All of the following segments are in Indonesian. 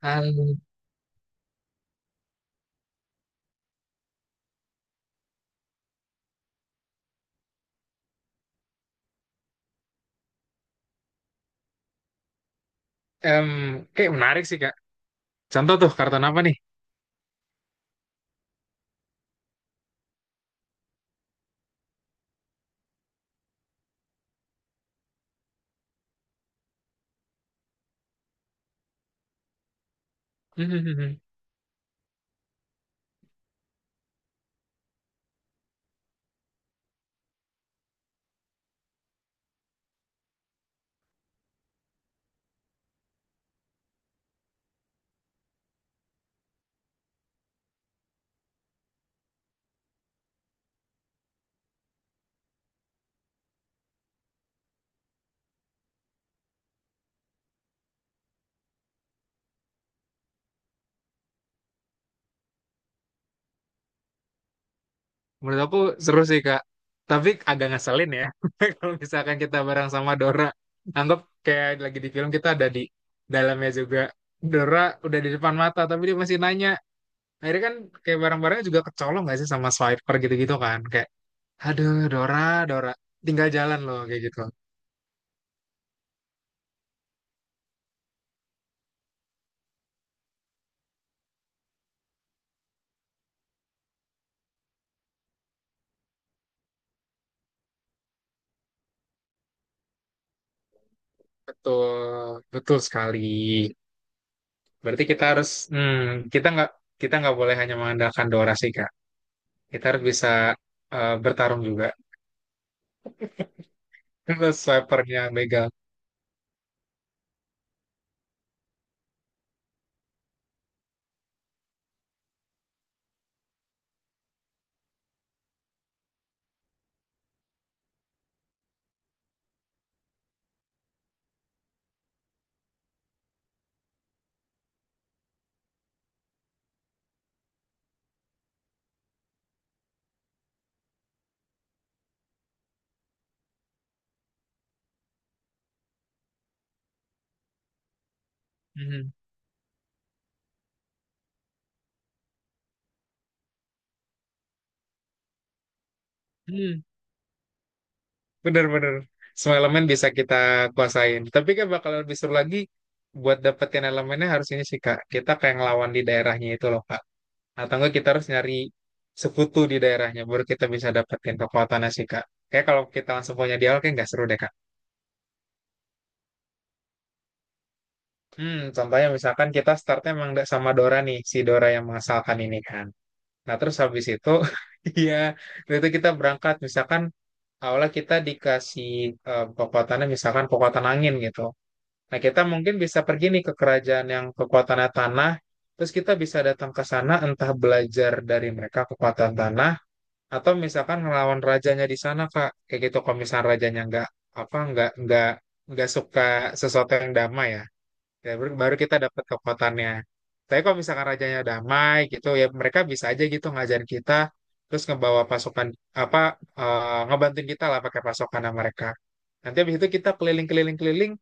Hal, em, kayak menarik sih Kak. Contoh tuh karton apa nih? Hmm, Menurut aku seru sih Kak. Tapi agak ngeselin ya. Kalau misalkan kita bareng sama Dora, anggap kayak lagi di film kita ada di dalamnya juga. Dora udah di depan mata, tapi dia masih nanya. Akhirnya kan kayak barang-barangnya juga kecolong gak sih sama swiper gitu-gitu kan? Kayak, aduh Dora, Dora, tinggal jalan loh kayak gitu. Betul, betul sekali. Berarti kita harus, kita nggak kita nggak boleh hanya mengandalkan Dora sih Kak. Kita harus bisa bertarung juga. Terus swipernya begal. Hmm. Hmm. Bener-bener. Semua elemen bisa kita kuasain. Tapi kan bakal lebih seru lagi buat dapetin elemennya harus ini sih Kak. Kita kayak ngelawan di daerahnya itu loh Kak. Atau enggak kita harus nyari sekutu di daerahnya baru kita bisa dapetin kekuatannya sih Kak. Kayak kalau kita langsung punya dialog kayak nggak seru deh Kak. Contohnya misalkan kita startnya emang nggak sama Dora nih, si Dora yang mengasalkan ini kan. Nah terus habis itu, iya, waktu itu kita berangkat. Misalkan awalnya kita dikasih kekuatannya misalkan kekuatan angin gitu. Nah kita mungkin bisa pergi nih ke kerajaan yang kekuatannya tanah. Terus kita bisa datang ke sana entah belajar dari mereka kekuatan tanah atau misalkan ngelawan rajanya di sana Kak. Kayak gitu kalau misalnya rajanya nggak apa nggak suka sesuatu yang damai ya. Ya, baru baru kita dapat kekuatannya. Tapi kalau misalkan rajanya damai gitu ya mereka bisa aja gitu ngajarin kita terus ngebawa pasukan apa ngebantuin kita lah pakai pasukan mereka. Nanti habis itu kita keliling-keliling-keliling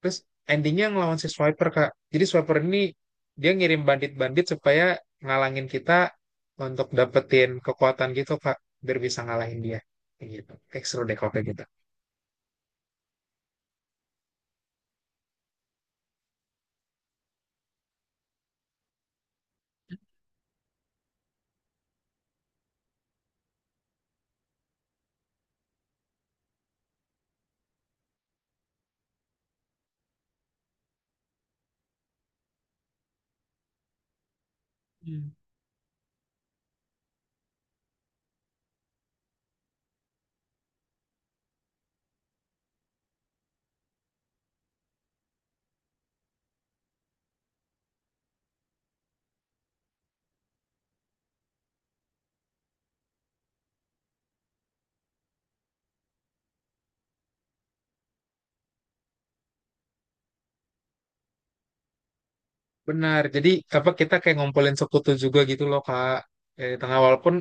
terus endingnya ngelawan si Swiper Kak. Jadi Swiper ini dia ngirim bandit-bandit supaya ngalangin kita untuk dapetin kekuatan gitu Kak biar bisa ngalahin dia. Kayak gitu. Kayak seru deh kalau kayak gitu. Benar. Jadi apa kita kayak ngumpulin sekutu juga gitu loh Kak. Di tengah walaupun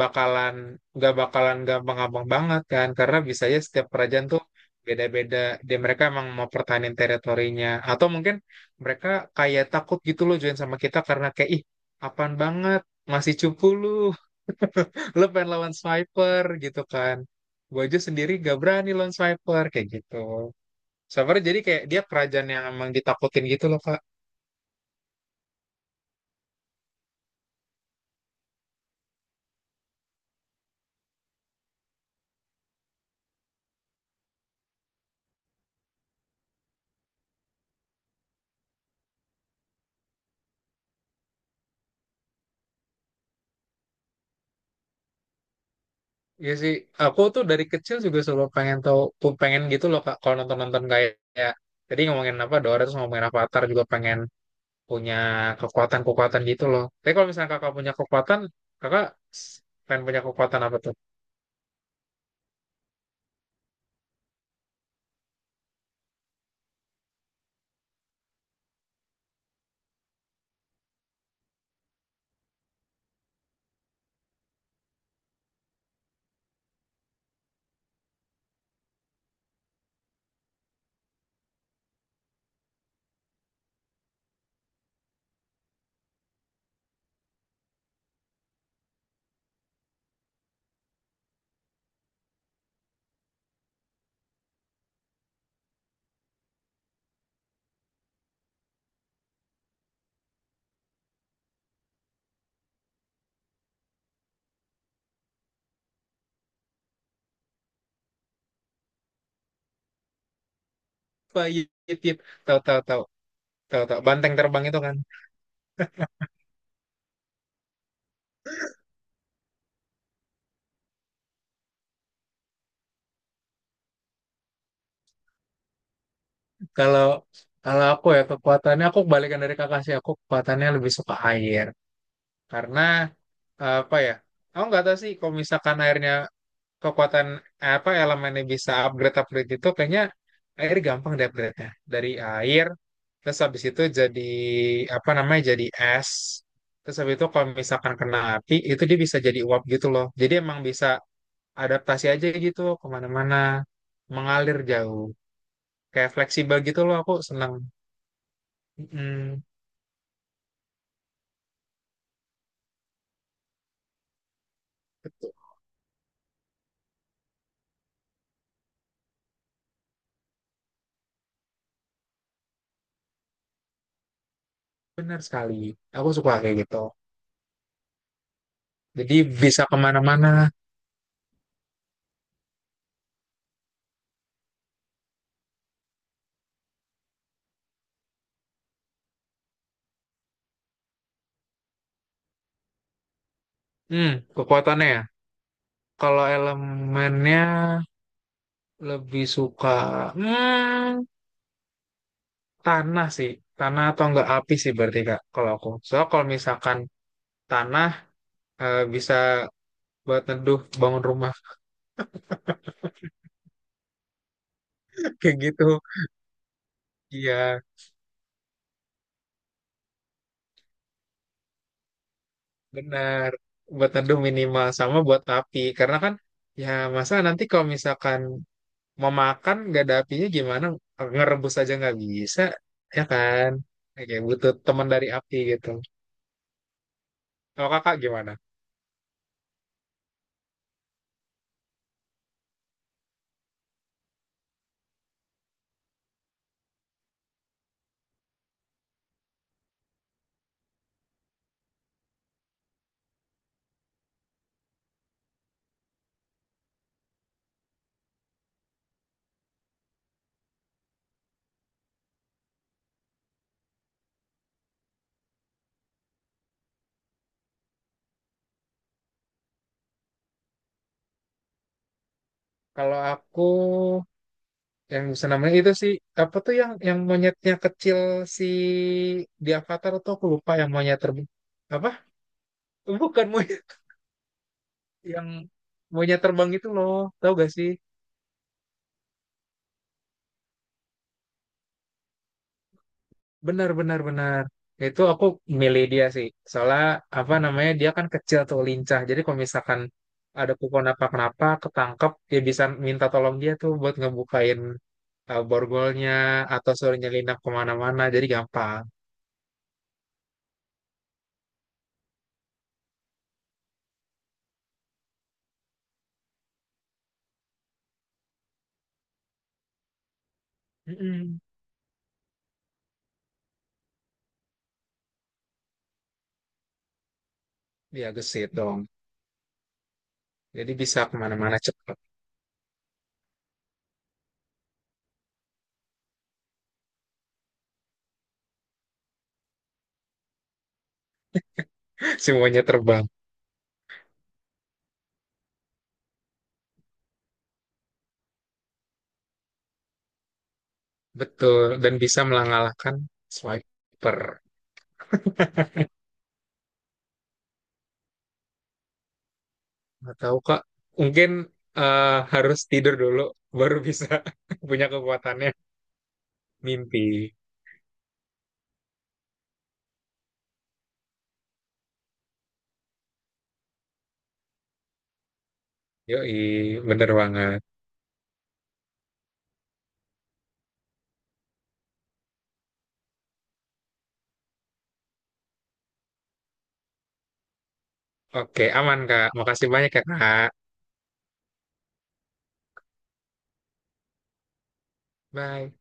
bakalan nggak bakalan gampang-gampang banget kan karena biasanya setiap kerajaan tuh beda-beda. Mereka emang mau pertahanin teritorinya atau mungkin mereka kayak takut gitu loh join sama kita karena kayak ih, apaan banget, masih cupu lu. Lu pengen lawan sniper gitu kan. Gue aja sendiri gak berani lawan sniper kayak gitu. Sniper jadi kayak dia kerajaan yang emang ditakutin gitu loh. Iya sih, aku tuh dari kecil juga selalu pengen tahu, tuh pengen gitu loh Kak. Kalau nonton-nonton kayak, tadi ngomongin apa Dora terus ngomongin Avatar juga pengen punya kekuatan-kekuatan gitu loh. Tapi kalau misalnya Kakak punya kekuatan, Kakak s- pengen punya kekuatan apa tuh? Pahit, tahu tahu tahu tahu tahu banteng terbang itu kan. Kalau kalau aku ya kekuatannya aku kebalikan dari Kakak sih. Aku kekuatannya lebih suka air karena apa ya? Aku nggak tahu sih kalau misalkan airnya kekuatan apa elemennya bisa upgrade upgrade itu kayaknya air gampang deh upgrade-nya. Dari air terus habis itu jadi apa namanya, jadi es. Terus habis itu kalau misalkan kena api itu dia bisa jadi uap gitu loh. Jadi emang bisa adaptasi aja gitu kemana-mana, mengalir jauh, kayak fleksibel gitu loh, aku senang. Mm, Betul, benar sekali, aku suka kayak gitu, jadi bisa kemana-mana. hmm Kekuatannya ya, kalau elemennya lebih suka hmm, tanah sih. Tanah atau enggak api sih berarti Kak kalau aku. Soalnya kalau misalkan tanah bisa buat neduh bangun rumah kayak gitu. Iya, benar. Buat neduh minimal sama buat api karena kan ya masa nanti kalau misalkan mau makan nggak ada apinya gimana, ngerebus aja nggak bisa ya kan. Oke, butuh teman dari api gitu. Kalau Kakak gimana? Kalau aku yang senamnya itu sih, apa tuh, yang monyetnya kecil, si di Avatar tuh aku lupa, yang monyet terbang apa, bukan monyet, yang monyet terbang itu loh, tau gak sih? Benar benar benar, itu aku milih dia sih. Soalnya apa namanya, dia kan kecil tuh lincah, jadi kalau misalkan ada kupon apa kenapa ketangkep dia bisa minta tolong dia tuh buat ngebukain borgolnya atau suruh nyelinap kemana-mana, jadi gampang. mm Dia gesit dong. Jadi bisa kemana-mana cepat. Semuanya terbang. Betul. Dan bisa mengalahkan swiper. Nggak tahu, Kak. Mungkin harus tidur dulu. Baru bisa punya kekuatannya. Mimpi. Yoi. Bener banget. Oke, aman, Kak. Makasih banyak ya, Kak. Bye.